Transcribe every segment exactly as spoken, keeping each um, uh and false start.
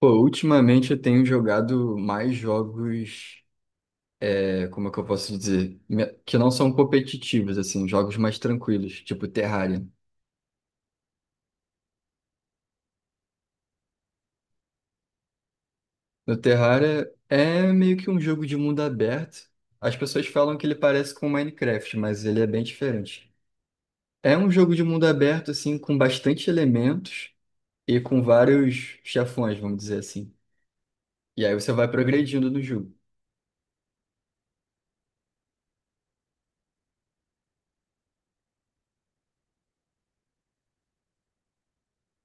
Pô, ultimamente eu tenho jogado mais jogos, é, como é que eu posso dizer? Me- Que não são competitivos, assim, jogos mais tranquilos, tipo Terraria. No Terraria é meio que um jogo de mundo aberto. As pessoas falam que ele parece com Minecraft, mas ele é bem diferente. É um jogo de mundo aberto, assim, com bastante elementos e com vários chefões, vamos dizer assim. E aí você vai progredindo no jogo.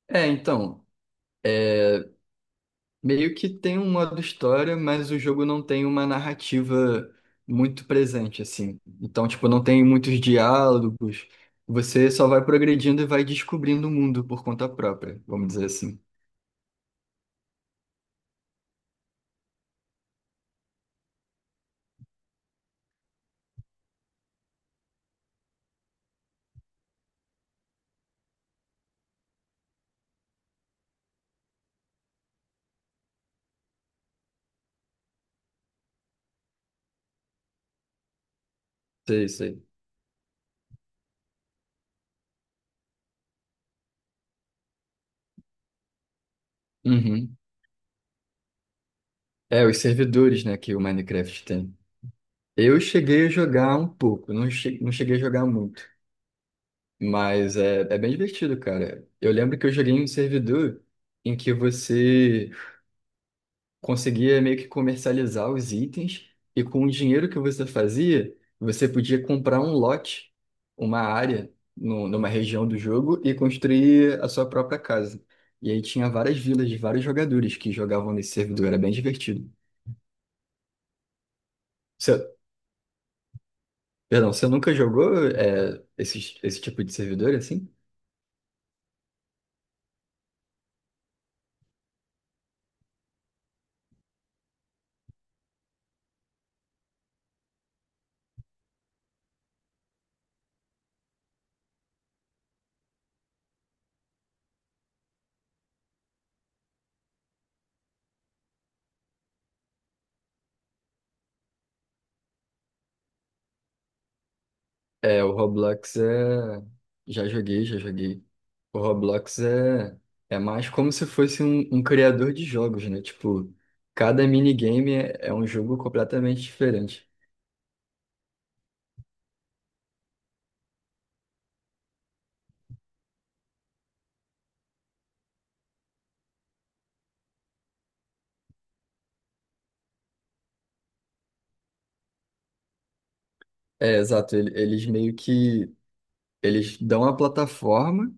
É, então. é, Meio que tem um modo história, mas o jogo não tem uma narrativa muito presente, assim. Então, tipo, não tem muitos diálogos. Você só vai progredindo e vai descobrindo o mundo por conta própria, vamos dizer assim. Sei, sei. Uhum. É, os servidores, né, que o Minecraft tem. Eu cheguei a jogar um pouco, não, che- não cheguei a jogar muito, mas é, é bem divertido, cara. Eu lembro que eu joguei em um servidor em que você conseguia meio que comercializar os itens e com o dinheiro que você fazia, você podia comprar um lote, uma área no, numa região do jogo e construir a sua própria casa. E aí tinha várias vilas de vários jogadores que jogavam nesse servidor, era bem divertido. Você, perdão, você nunca jogou é, esse, esse tipo de servidor assim? É, o Roblox é. Já joguei, já joguei. O Roblox é, é mais como se fosse um, um criador de jogos, né? Tipo, cada minigame é, é um jogo completamente diferente. É, exato. ele- Eles meio que. Eles dão a plataforma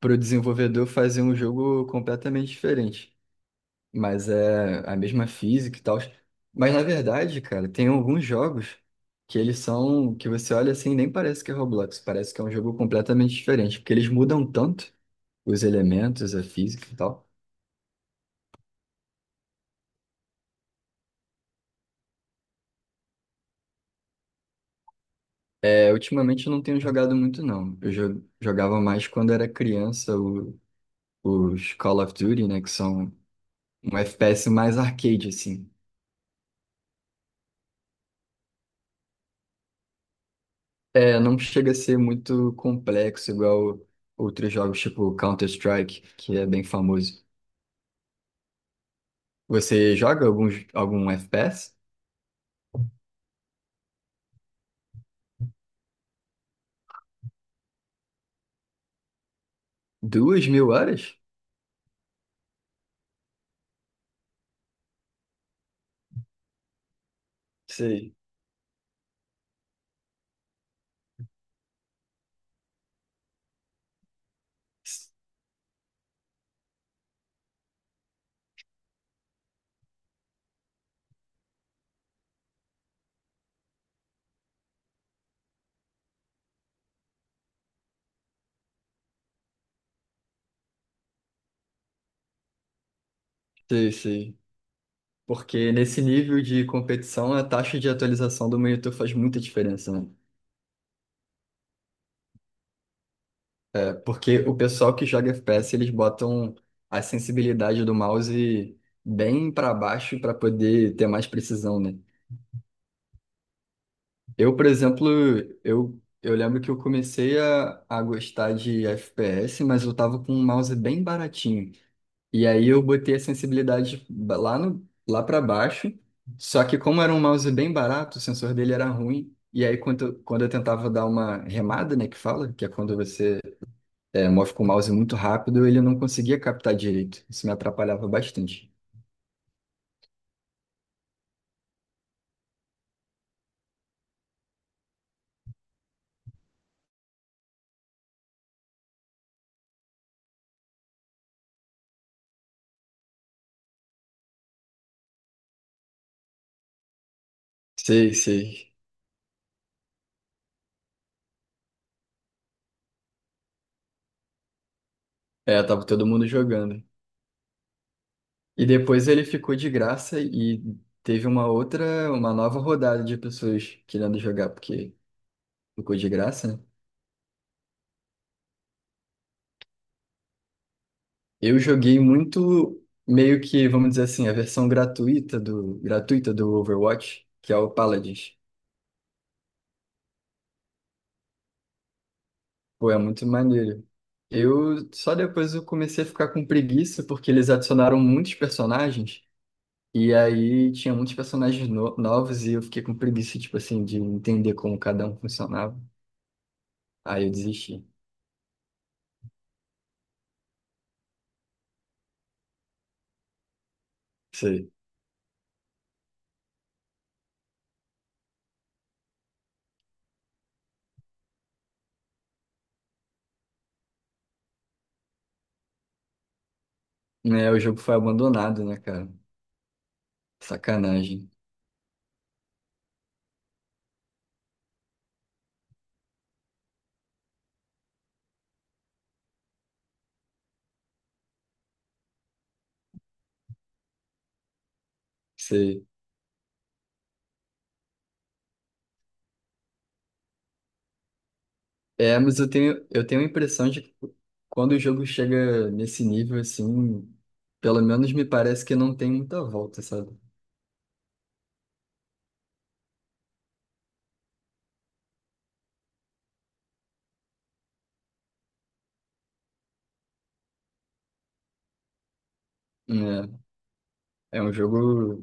para o desenvolvedor fazer um jogo completamente diferente. Mas é a mesma física e tal. Mas na verdade, cara, tem alguns jogos que eles são, que você olha assim, nem parece que é Roblox, parece que é um jogo completamente diferente, porque eles mudam tanto os elementos, a física e tal. É, ultimamente eu não tenho jogado muito, não. Eu jo- jogava mais quando era criança, o- os Call of Duty, né, que são um F P S mais arcade, assim. É, não chega a ser muito complexo, igual outros jogos tipo Counter-Strike, que é bem famoso. Você joga alguns, algum, j- algum F P S? Duas mil horas? Sei, sei, sei. Porque nesse nível de competição, a taxa de atualização do monitor faz muita diferença, né? É, porque o pessoal que joga F P S, eles botam a sensibilidade do mouse bem para baixo para poder ter mais precisão, né? Eu, por exemplo, eu, eu lembro que eu comecei a, a gostar de F P S, mas eu tava com um mouse bem baratinho. E aí eu botei a sensibilidade ba- lá no, lá para baixo. Só que como era um mouse bem barato, o sensor dele era ruim. E aí quando, eu- quando eu tentava dar uma remada, né, que fala, que é quando você é, move com o mouse muito rápido, ele não conseguia captar direito. Isso me atrapalhava bastante. Sei, sei. É, tava todo mundo jogando. E depois ele ficou de graça e teve uma outra, uma nova rodada de pessoas querendo jogar, porque ficou de graça, né? Eu joguei muito, meio que, vamos dizer assim, a versão gratuita do, gratuita do Overwatch, que é o Paladins. Pô, é muito maneiro. Eu só depois eu comecei a ficar com preguiça, porque eles adicionaram muitos personagens, e aí tinha muitos personagens no- novos, e eu fiquei com preguiça, tipo assim, de entender como cada um funcionava. Aí eu desisti. Sei. Né, o jogo foi abandonado, né, cara? Sacanagem. Sei. É, mas eu tenho, eu tenho a impressão de que quando o jogo chega nesse nível, assim, pelo menos me parece que não tem muita volta, sabe? É, é um jogo,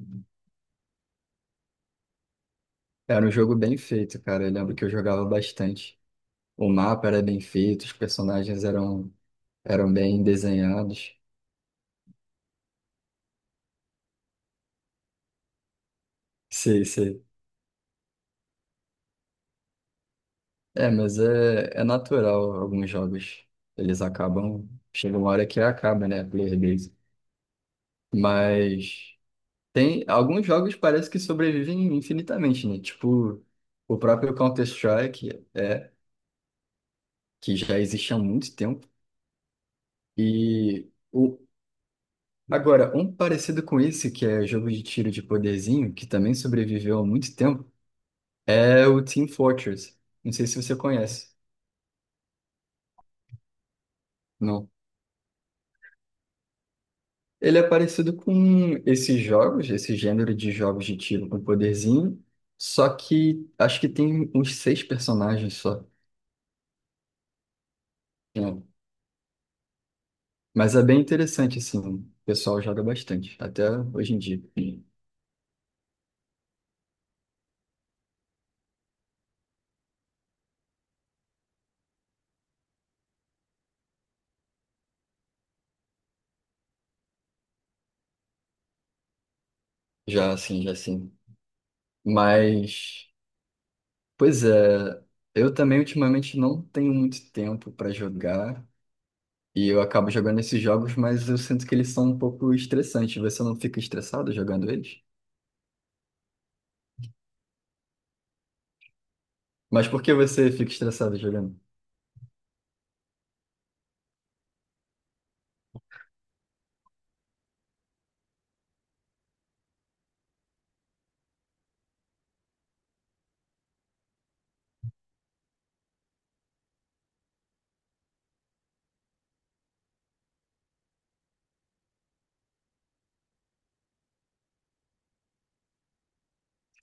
era um jogo bem feito, cara. Eu lembro que eu jogava bastante. O mapa era bem feito, os personagens eram, eram bem desenhados. Sei, sei. É, mas é, é natural alguns jogos. Eles acabam, chega uma hora que acaba, né? a player base. Mas. Tem alguns jogos parece que sobrevivem infinitamente, né? Tipo, o próprio Counter-Strike é que já existe há muito tempo. E o agora, um parecido com esse, que é jogo de tiro de poderzinho, que também sobreviveu há muito tempo, é o Team Fortress. Não sei se você conhece. Não. Ele é parecido com esses jogos, esse gênero de jogos de tiro com poderzinho, só que acho que tem uns seis personagens só. Mas é bem interessante, assim, o pessoal joga bastante, até hoje em dia, já assim, já assim. Mas, pois é, eu também ultimamente não tenho muito tempo para jogar, e eu acabo jogando esses jogos, mas eu sinto que eles são um pouco estressantes. Você não fica estressado jogando eles? Mas por que você fica estressado jogando?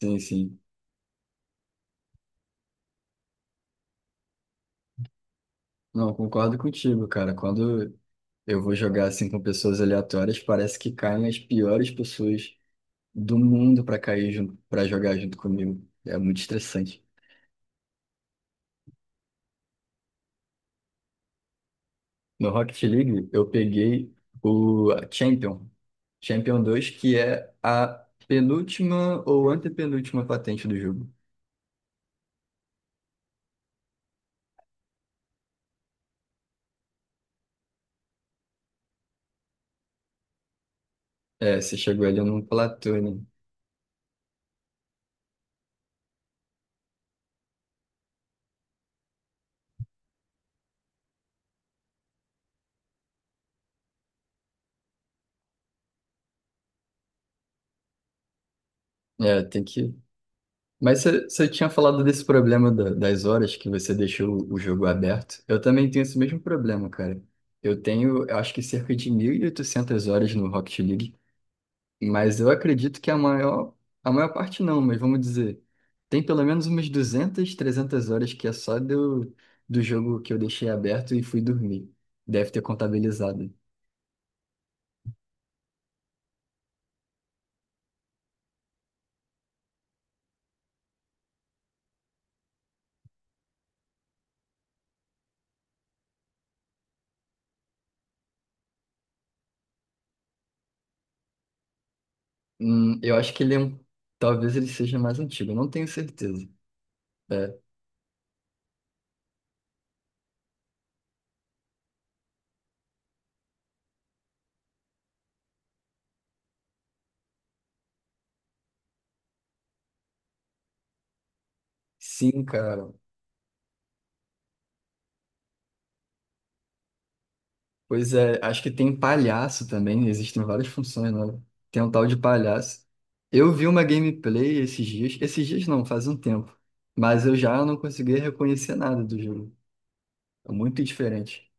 Sim, sim. Não, concordo contigo, cara. Quando eu vou jogar assim com pessoas aleatórias, parece que caem as piores pessoas do mundo pra cair junto, para jogar junto comigo. É muito estressante. No Rocket League, eu peguei o Champion, Champion dois, que é a penúltima ou antepenúltima patente do jogo. É, você chegou ali num platô, né? É, tem que. Mas você você tinha falado desse problema da- das horas que você deixou o jogo aberto. Eu também tenho esse mesmo problema, cara. Eu tenho, eu acho que cerca de mil e oitocentas horas no Rocket League. Mas eu acredito que a maior, a maior parte não, mas vamos dizer, tem pelo menos umas duzentas trezentas horas que é só do, do jogo que eu deixei aberto e fui dormir. Deve ter contabilizado. Hum, eu acho que ele é um, talvez ele seja mais antigo, eu não tenho certeza. É, sim, cara. Pois é, acho que tem palhaço também, existem várias funções, né? Tem um tal de palhaço. Eu vi uma gameplay esses dias, esses dias não, faz um tempo, mas eu já não conseguia reconhecer nada do jogo. É muito diferente.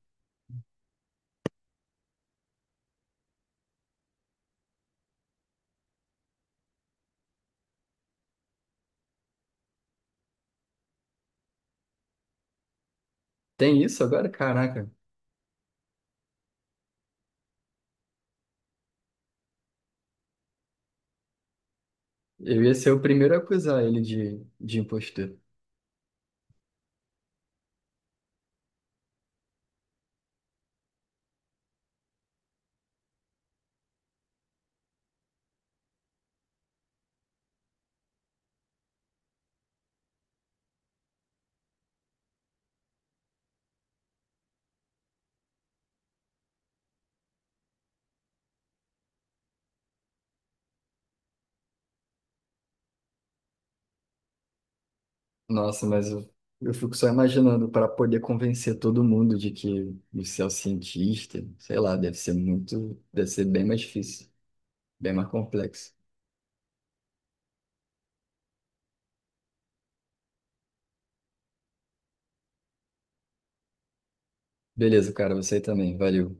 Tem isso agora? Caraca, eu ia ser o primeiro a acusar ele de, de impostor. Nossa, mas eu, eu fico só imaginando para poder convencer todo mundo de que você é o cientista, sei lá, deve ser muito, deve ser bem mais difícil, bem mais complexo. Beleza, cara, você também, valeu.